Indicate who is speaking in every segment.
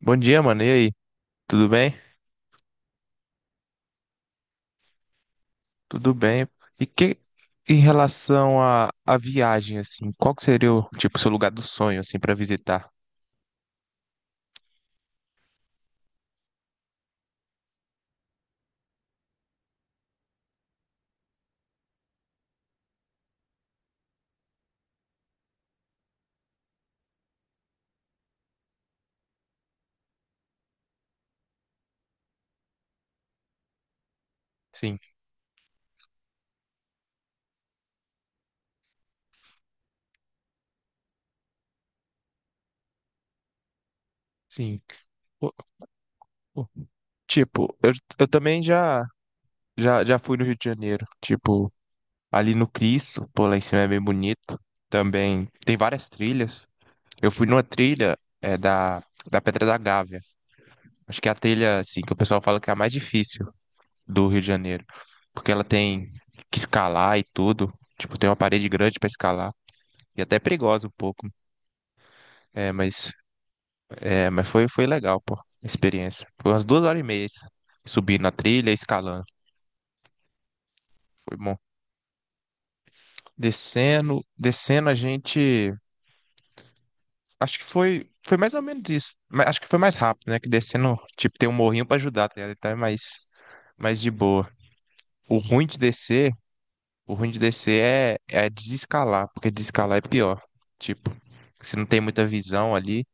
Speaker 1: Bom dia, mano. E aí? Tudo bem? Tudo bem. E que em relação à viagem, assim, qual que seria o tipo seu lugar do sonho, assim, para visitar? Sim, sim. O- o- Tipo, eu também já fui no Rio de Janeiro. Tipo, ali no Cristo, pô, lá em cima é bem bonito. Também tem várias trilhas. Eu fui numa trilha da da Pedra da Gávea. Acho que é a trilha assim que o pessoal fala que é a mais difícil do Rio de Janeiro, porque ela tem que escalar e tudo, tipo, tem uma parede grande para escalar e até é perigosa um pouco. É, mas é, mas foi legal, pô, a experiência. Foi umas 2 horas e meia isso, subindo na trilha, e escalando, foi bom. Descendo, a gente, acho que foi mais ou menos isso, mas acho que foi mais rápido, né? Que descendo, tipo, tem um morrinho para ajudar, tá ligado? Então é mais de boa. O ruim de descer O ruim de descer é desescalar, porque desescalar é pior. Tipo, você não tem muita visão ali,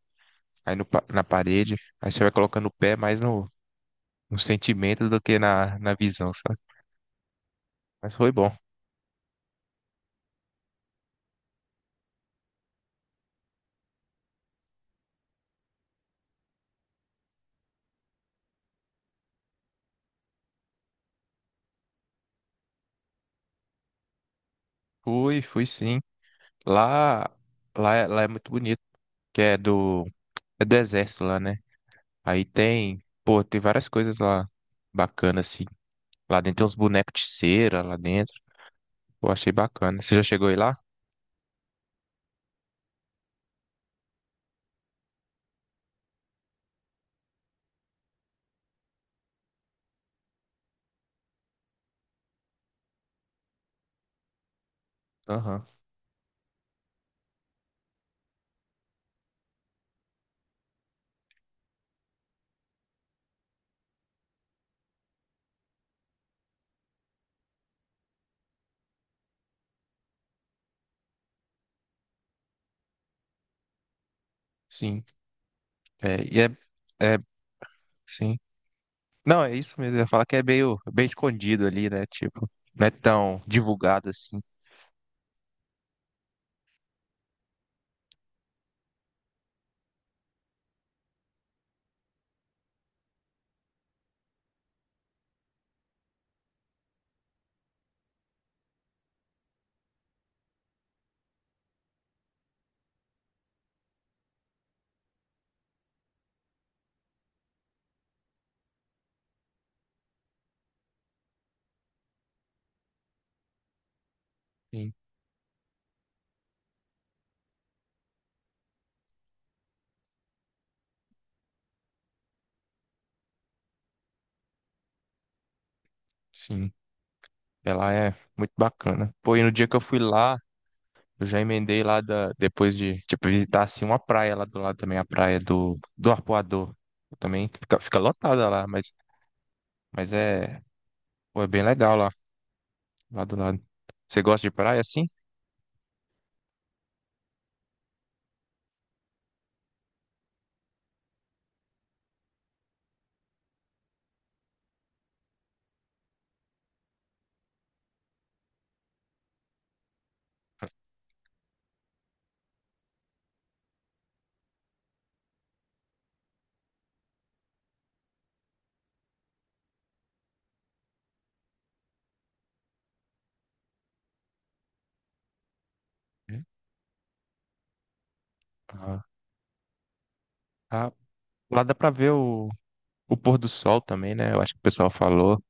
Speaker 1: aí no, pa- na parede, aí você vai colocando o pé mais no sentimento do que na visão, sabe? Mas foi bom. Fui, fui sim. Lá, lá é muito bonito, que é do exército lá, né? Aí tem, pô, tem várias coisas lá bacanas, assim. Lá dentro tem uns bonecos de cera, lá dentro. Pô, achei bacana. Você já chegou aí lá? Aham. Sim. É, e é, é, sim. Não, é isso mesmo. Eu ia falar que é meio bem escondido ali, né? Tipo, não é tão divulgado assim. Sim, sim. Ela é muito bacana. Pô, e no dia que eu fui lá, eu já emendei lá da, depois de, tipo, visitar assim uma praia lá do lado também, a praia do Arpoador. Também fica lotada lá, mas é, pô, é bem legal lá do lado. Você gosta de praia assim? É. Ah, ah, lá dá pra ver o pôr do sol também, né? Eu acho que o pessoal falou.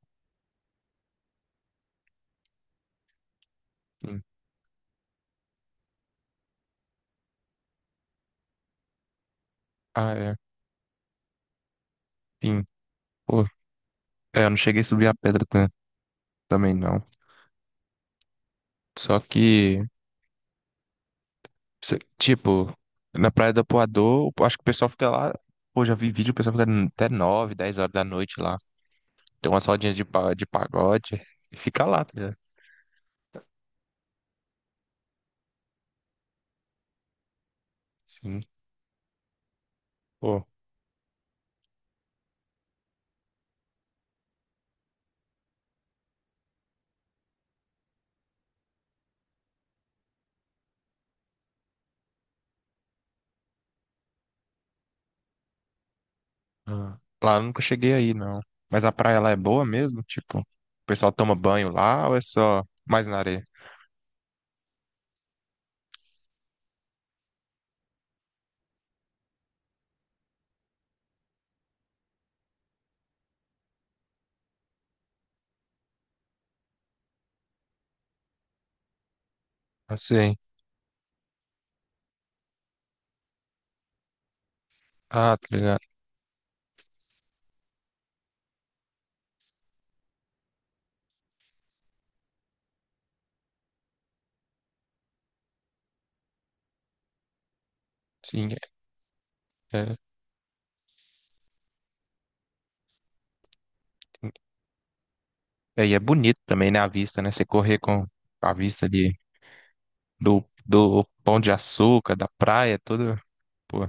Speaker 1: Ah, é. Sim. Pô, eu não cheguei a subir a pedra também, não. Só que, tipo, na Praia do Apoador, eu acho que o pessoal fica lá. Pô, já vi vídeo, o pessoal fica até 9, 10 horas da noite lá. Tem umas rodinhas de pagode e fica lá, tá ligado? Sim. Pô, ah, lá eu nunca cheguei aí, não. Mas a praia lá é boa mesmo? Tipo, o pessoal toma banho lá ou é só mais na areia? Não sei. Ah, tá ligado. Sim, é. É. É, e é bonito também, né, a vista, né? Você correr com a vista do Pão de Açúcar, da praia, toda. Pô,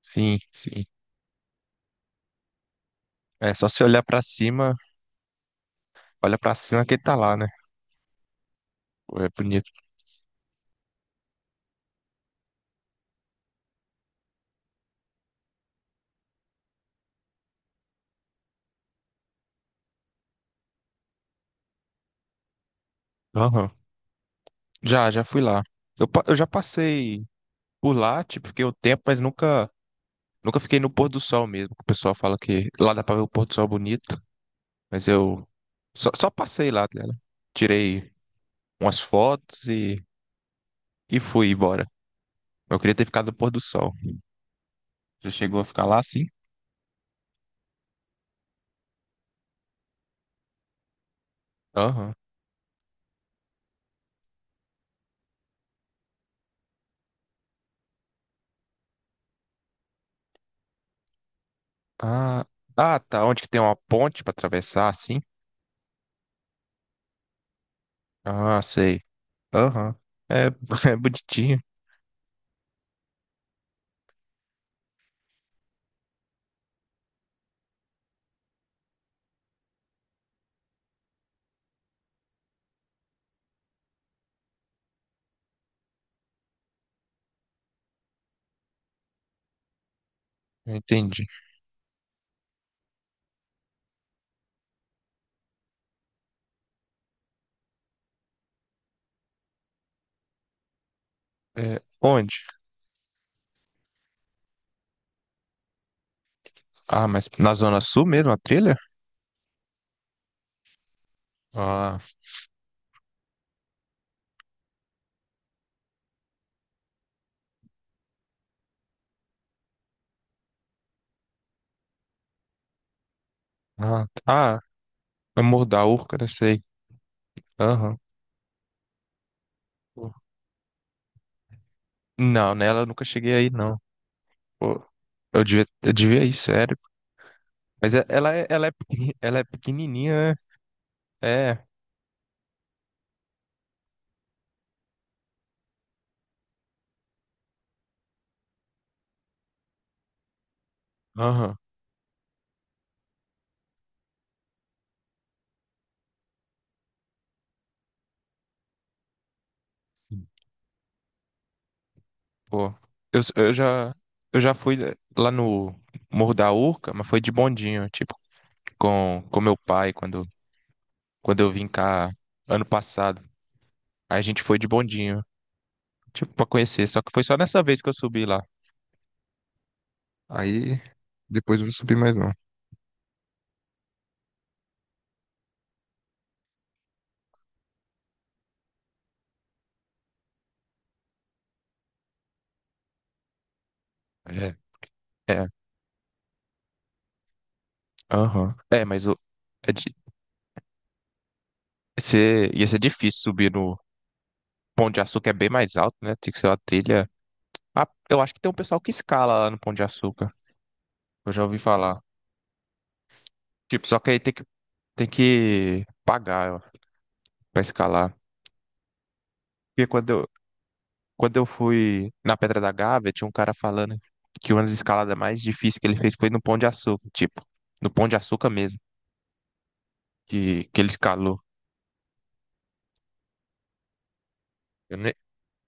Speaker 1: sim, sim. É só você olhar pra cima, olha pra cima que ele tá lá, né? Pô, é bonito. Aham. Já fui lá. Eu já passei por lá, tipo, fiquei um tempo, mas nunca fiquei no pôr do sol mesmo. O pessoal fala que lá dá pra ver o pôr do sol bonito, mas eu só passei lá, tá ligado? Tirei umas fotos e fui embora. Eu queria ter ficado no pôr do sol. Já chegou a ficar lá, sim? Aham. Ah, ah, tá. Onde que tem uma ponte pra atravessar, assim? Ah, sei. Aham. É, é bonitinho. Entendi. É, onde? Ah, mas na Zona Sul mesmo, a trilha? Ah, ah, é Morro da Urca, né? Sei. Aham. Não, nela eu nunca cheguei aí, não. Pô, eu devia ir, sério. Mas é- ela é, ela é pequenininha, né? É. Aham. Pô, eu, eu já, eu já fui lá no Morro da Urca, mas foi de bondinho, tipo, com meu pai, quando eu vim cá ano passado. Aí a gente foi de bondinho, tipo, pra conhecer. Só que foi só nessa vez que eu subi lá. Aí depois eu não subi mais não. É, é, aham. É, mas o, é de, ser, ia ser difícil subir no Pão de Açúcar, é bem mais alto, né? Tem que ser uma trilha. Ah, eu acho que tem um pessoal que escala lá no Pão de Açúcar. Eu já ouvi falar. Tipo, só que aí tem que tem que pagar para escalar. Porque quando eu fui na Pedra da Gávea, tinha um cara falando que uma das escaladas mais difíceis que ele fez foi no Pão de Açúcar, tipo, no Pão de Açúcar mesmo, que ele escalou. Eu nem,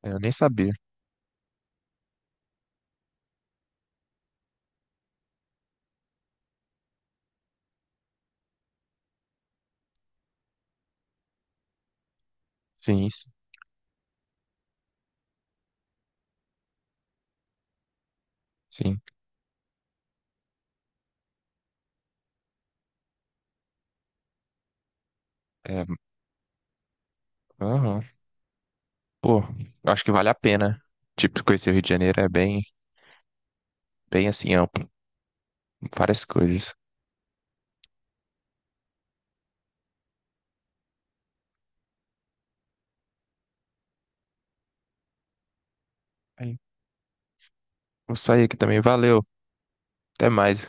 Speaker 1: eu nem sabia. Sim, isso, sim. É, aham. Pô, eu acho que vale a pena. Tipo, conhecer o Rio de Janeiro é bem, bem assim, amplo, várias coisas. Aí, vou sair aqui também, valeu, até mais.